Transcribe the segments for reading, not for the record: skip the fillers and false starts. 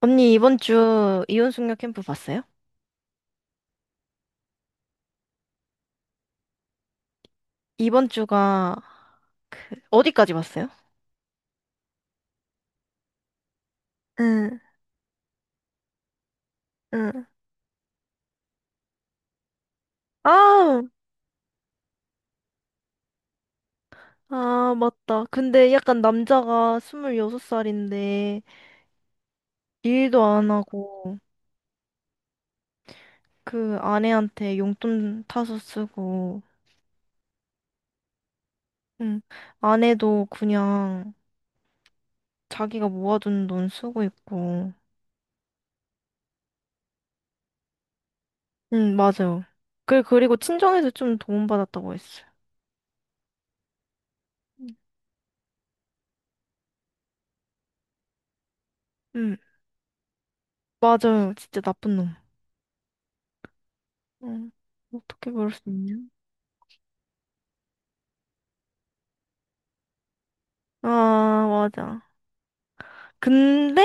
언니, 이번 주 이혼숙녀 캠프 봤어요? 이번 주가 어디까지 봤어요? 응, 응. 아, 아, 맞다. 근데 약간 남자가 26살인데, 일도 안 하고, 그 아내한테 용돈 타서 쓰고, 응. 아내도 그냥 자기가 모아둔 돈 쓰고 있고, 응, 맞아요. 그리고 친정에서 좀 도움받았다고 했어요. 응, 맞아요. 진짜 나쁜 놈. 응, 어떻게 그럴 수 있냐? 아, 맞아. 근데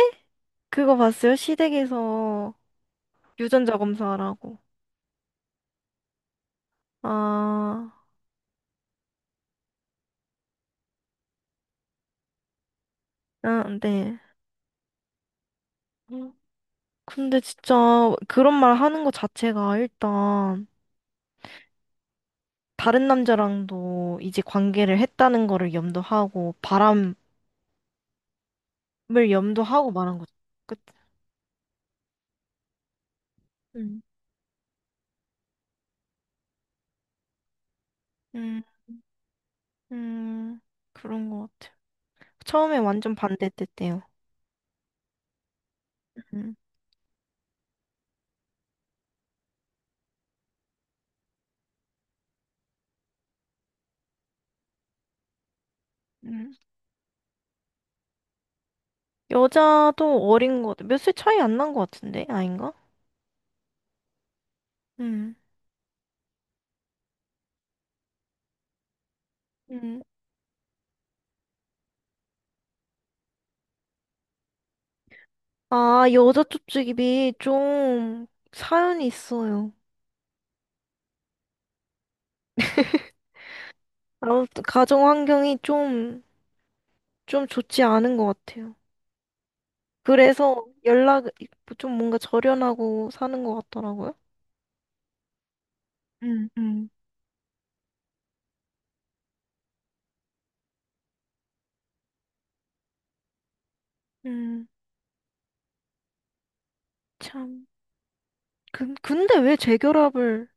그거 봤어요? 시댁에서 유전자 검사하라고. 아, 응, 네. 음, 근데 진짜 그런 말 하는 것 자체가 일단 다른 남자랑도 이제 관계를 했다는 거를 염두하고 바람을 염두하고 말한 거죠. 그치? 음. 음, 음, 그런 것 같아요. 처음에 완전 반대됐대요. 음, 음. 여자도 어린 것 같아. 몇 살 차이 안 난 것 같은데? 아닌가? 음. 음. 아, 여자 쪽집이 좀 사연이 있어요. 아무튼 가정 환경이 좀, 좀 좋지 않은 것 같아요. 그래서 연락, 좀 뭔가 절연하고 사는 것 같더라고요. 음, 음. 음, 참. 근데 왜 재결합을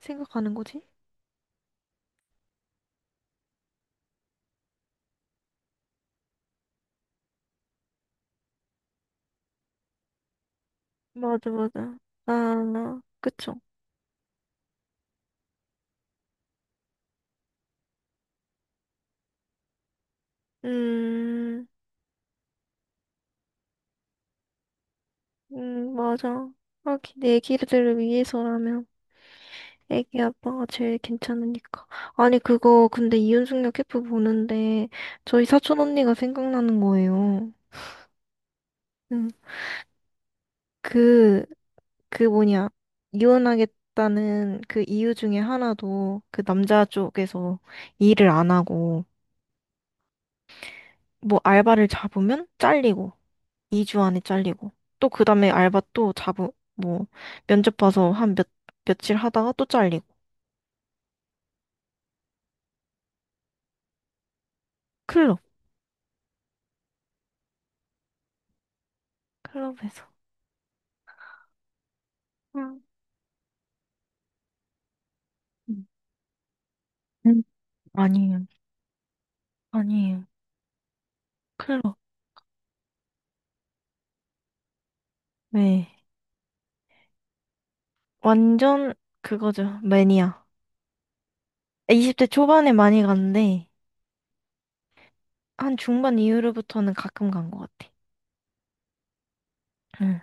생각하는 거지? 맞아, 맞아. 아, 그쵸. 음, 맞아. 하긴, 내 아기들을 위해서라면. 애기 아빠가 제일 괜찮으니까. 아니, 그거, 근데 이윤숙녀 캠프 보는데, 저희 사촌 언니가 생각나는 거예요. 응. 그, 그 뭐냐. 이혼하겠다는 그 이유 중에 하나도 그 남자 쪽에서 일을 안 하고, 뭐 알바를 잡으면 잘리고, 2주 안에 잘리고, 또 그 다음에 알바 또 잡으, 뭐, 면접 봐서 한 몇, 며칠 하다가 또 잘리고. 클럽, 클럽에서. 응, 응, 아니에요. 아니에요. 클럽. 네. 완전 그거죠. 매니아. 20대 초반에 많이 갔는데, 한 중반 이후로부터는 가끔 간 것 같아. 응,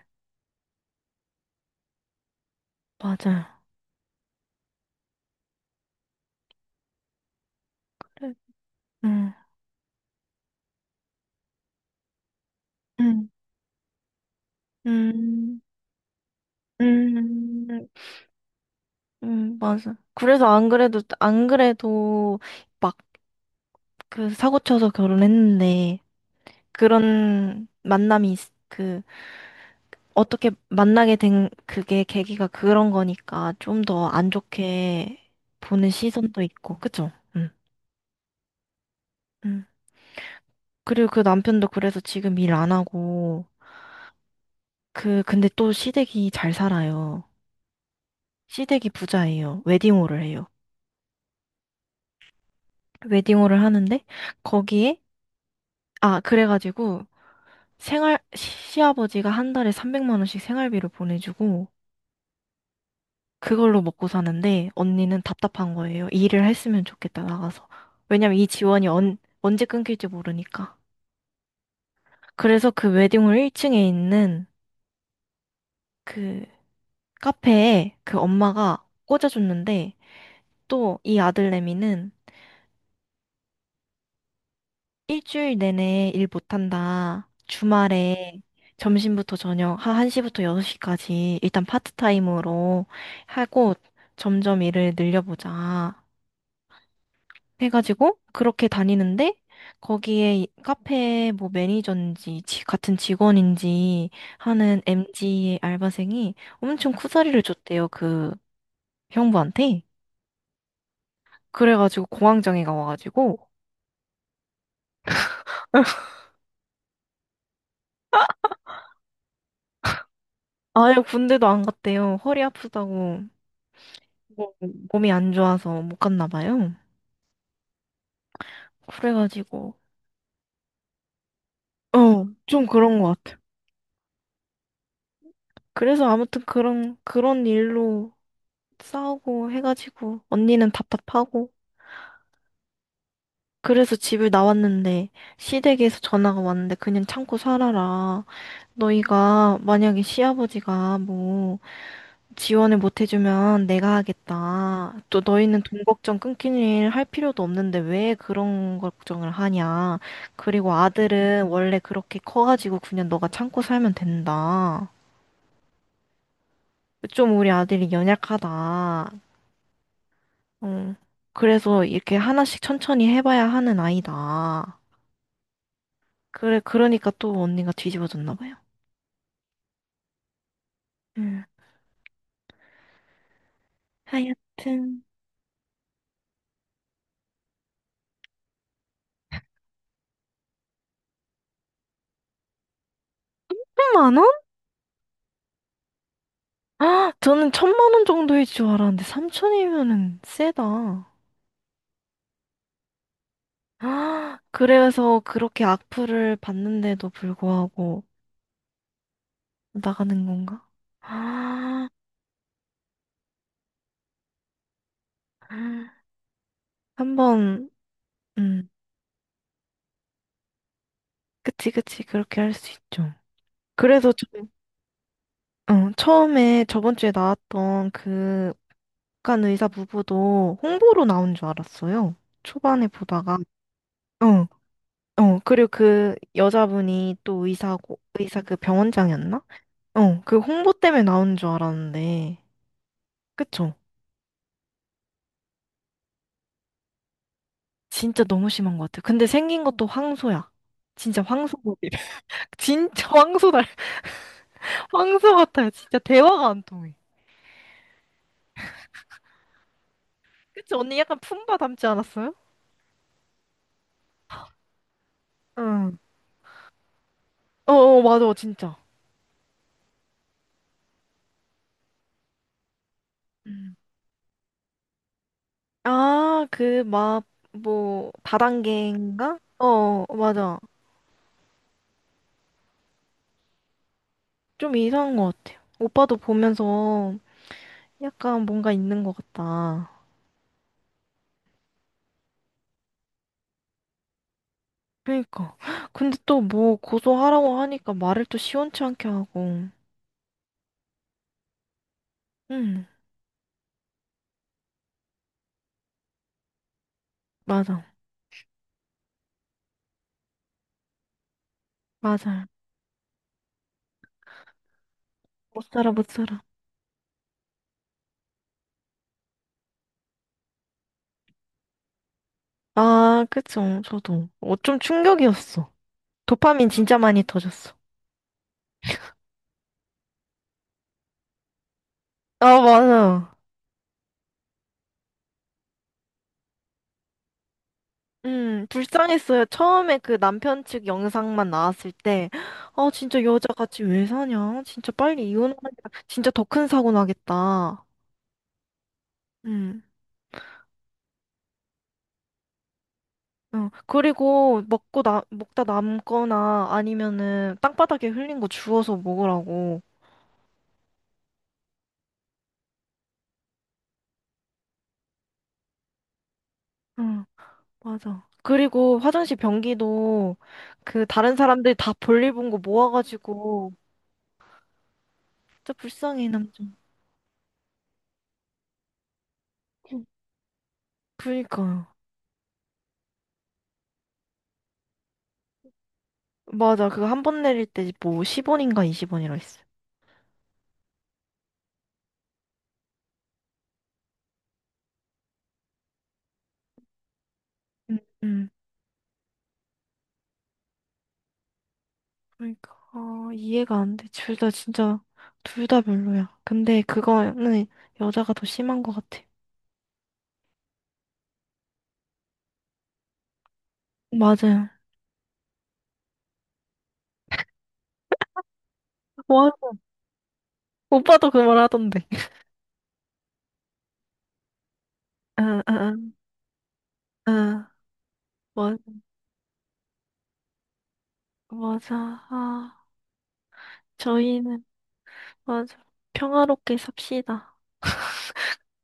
맞아요. 응, 응, 응, 응, 응, 맞아. 그래서 안 그래도, 안 그래도 막 그 사고 쳐서 결혼했는데, 그런 만남이, 있- 그, 어떻게 만나게 된 그게 계기가 그런 거니까 좀 더 안 좋게 보는 시선도 있고, 그쵸? 응. 음. 그리고 그 남편도 그래서 지금 일 안 하고, 그, 근데 또 시댁이 잘 살아요. 시댁이 부자예요. 웨딩홀을 해요. 웨딩홀을 하는데, 거기에, 아, 그래가지고, 생활, 시- 시아버지가 한 달에 300만 원씩 생활비를 보내주고, 그걸로 먹고 사는데, 언니는 답답한 거예요. 일을 했으면 좋겠다, 나가서. 왜냐면 이 지원이 언제 끊길지 모르니까. 그래서 그 웨딩홀 1층에 있는 그 카페에 그 엄마가 꽂아줬는데, 또 이 아들내미는 일주일 내내 일 못한다. 주말에 점심부터 저녁 한 1시부터 6시까지 일단 파트타임으로 하고 점점 일을 늘려보자. 해가지고 그렇게 다니는데 거기에 이 카페 뭐 매니저인지 지- 같은 직원인지 하는 MG의 알바생이 엄청 쿠사리를 줬대요. 그 형부한테. 그래가지고 공황장애가 와가지고 아예 군대도 안 갔대요. 허리 아프다고. 뭐 몸이 안 좋아서 못 갔나 봐요. 그래가지고 어, 좀 그런 것 같아요. 그래서 아무튼 그런 일로 싸우고 해가지고 언니는 답답하고 그래서 집을 나왔는데 시댁에서 전화가 왔는데 그냥 참고 살아라. 너희가 만약에 시아버지가 뭐 지원을 못 해주면 내가 하겠다. 또 너희는 돈 걱정 끊긴 일 할 필요도 없는데 왜 그런 걸 걱정을 하냐. 그리고 아들은 원래 그렇게 커가지고 그냥 너가 참고 살면 된다. 좀 우리 아들이 연약하다. 응. 그래서 이렇게 하나씩 천천히 해봐야 하는 아이다. 그래, 그러니까 또 언니가 뒤집어졌나 봐요. 응. 하여튼. 1,000만 원? 아, 저는 1,000만 원 정도일 줄 알았는데 삼천이면은 세다. 아, 그래서 그렇게 악플을 받는데도 불구하고 나가는 건가? 아, 한번, 음, 그치, 그치, 그렇게 할 수 있죠. 그래서 좀, 어, 처음에 저번 주에 나왔던 그 북한 의사 부부도 홍보로 나온 줄 알았어요. 초반에 보다가, 어, 어, 그리고 그 여자분이 또 의사고, 의사 그 병원장이었나? 어, 그 홍보 때문에 나온 줄 알았는데, 그쵸? 진짜 너무 심한 것 같아요. 근데 생긴 것도 황소야. 진짜 황소고기. 진짜 황소 달, 황소 같아요. 진짜 대화가 안 통해. 그치, 언니 약간 품바 닮지 않았어요? 응. 어어, 맞아, 진짜. 음. 아, 그, 막, 뭐, 다단계인가? 어, 어, 맞아. 좀 이상한 것 같아요. 오빠도 보면서 약간 뭔가 있는 것 같다. 그니까. 근데 또 뭐 고소하라고 하니까 말을 또 시원치 않게 하고. 응, 맞아. 맞아. 못 살아, 못 살아. 아, 그쵸. 저도. 어, 좀 충격이었어. 도파민 진짜 많이 터졌어. 아, 맞아. 불쌍했어요. 처음에 그 남편 측 영상만 나왔을 때, 아, 진짜 여자같이 왜 사냐? 진짜 빨리 이혼하면 진짜 더 큰 사고 나겠다. 음. 어, 그리고 먹고 나, 먹다 남거나 아니면은 땅바닥에 흘린 거 주워서 먹으라고. 음. 맞아. 그리고 화장실 변기도 그 다른 사람들 다 볼일 본 거 모아가지고 진짜 불쌍해 남좀. 그니까요. 맞아. 그거 한 번 내릴 때 뭐 10원인가 20원이라 했어. 응, 응. 그러니까 아, 이해가 안 돼. 둘 다 진짜 둘 다 별로야. 근데 그거는 여자가 더 심한 것 같아. 맞아요. 와, 오빠도 그 말 하던데. 응, 응, 응. 응. 맞- 맞아. 아, 저희는 맞아. 평화롭게 삽시다.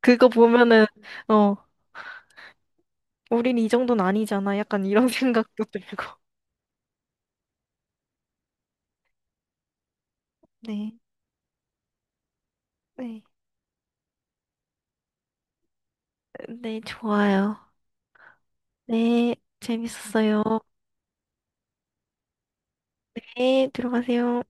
그거 보면은, 어, 우린 이 정도는 아니잖아. 약간 이런 생각도 들고. 네, 네. 네, 좋아요. 네, 재밌었어요. 네, 들어가세요.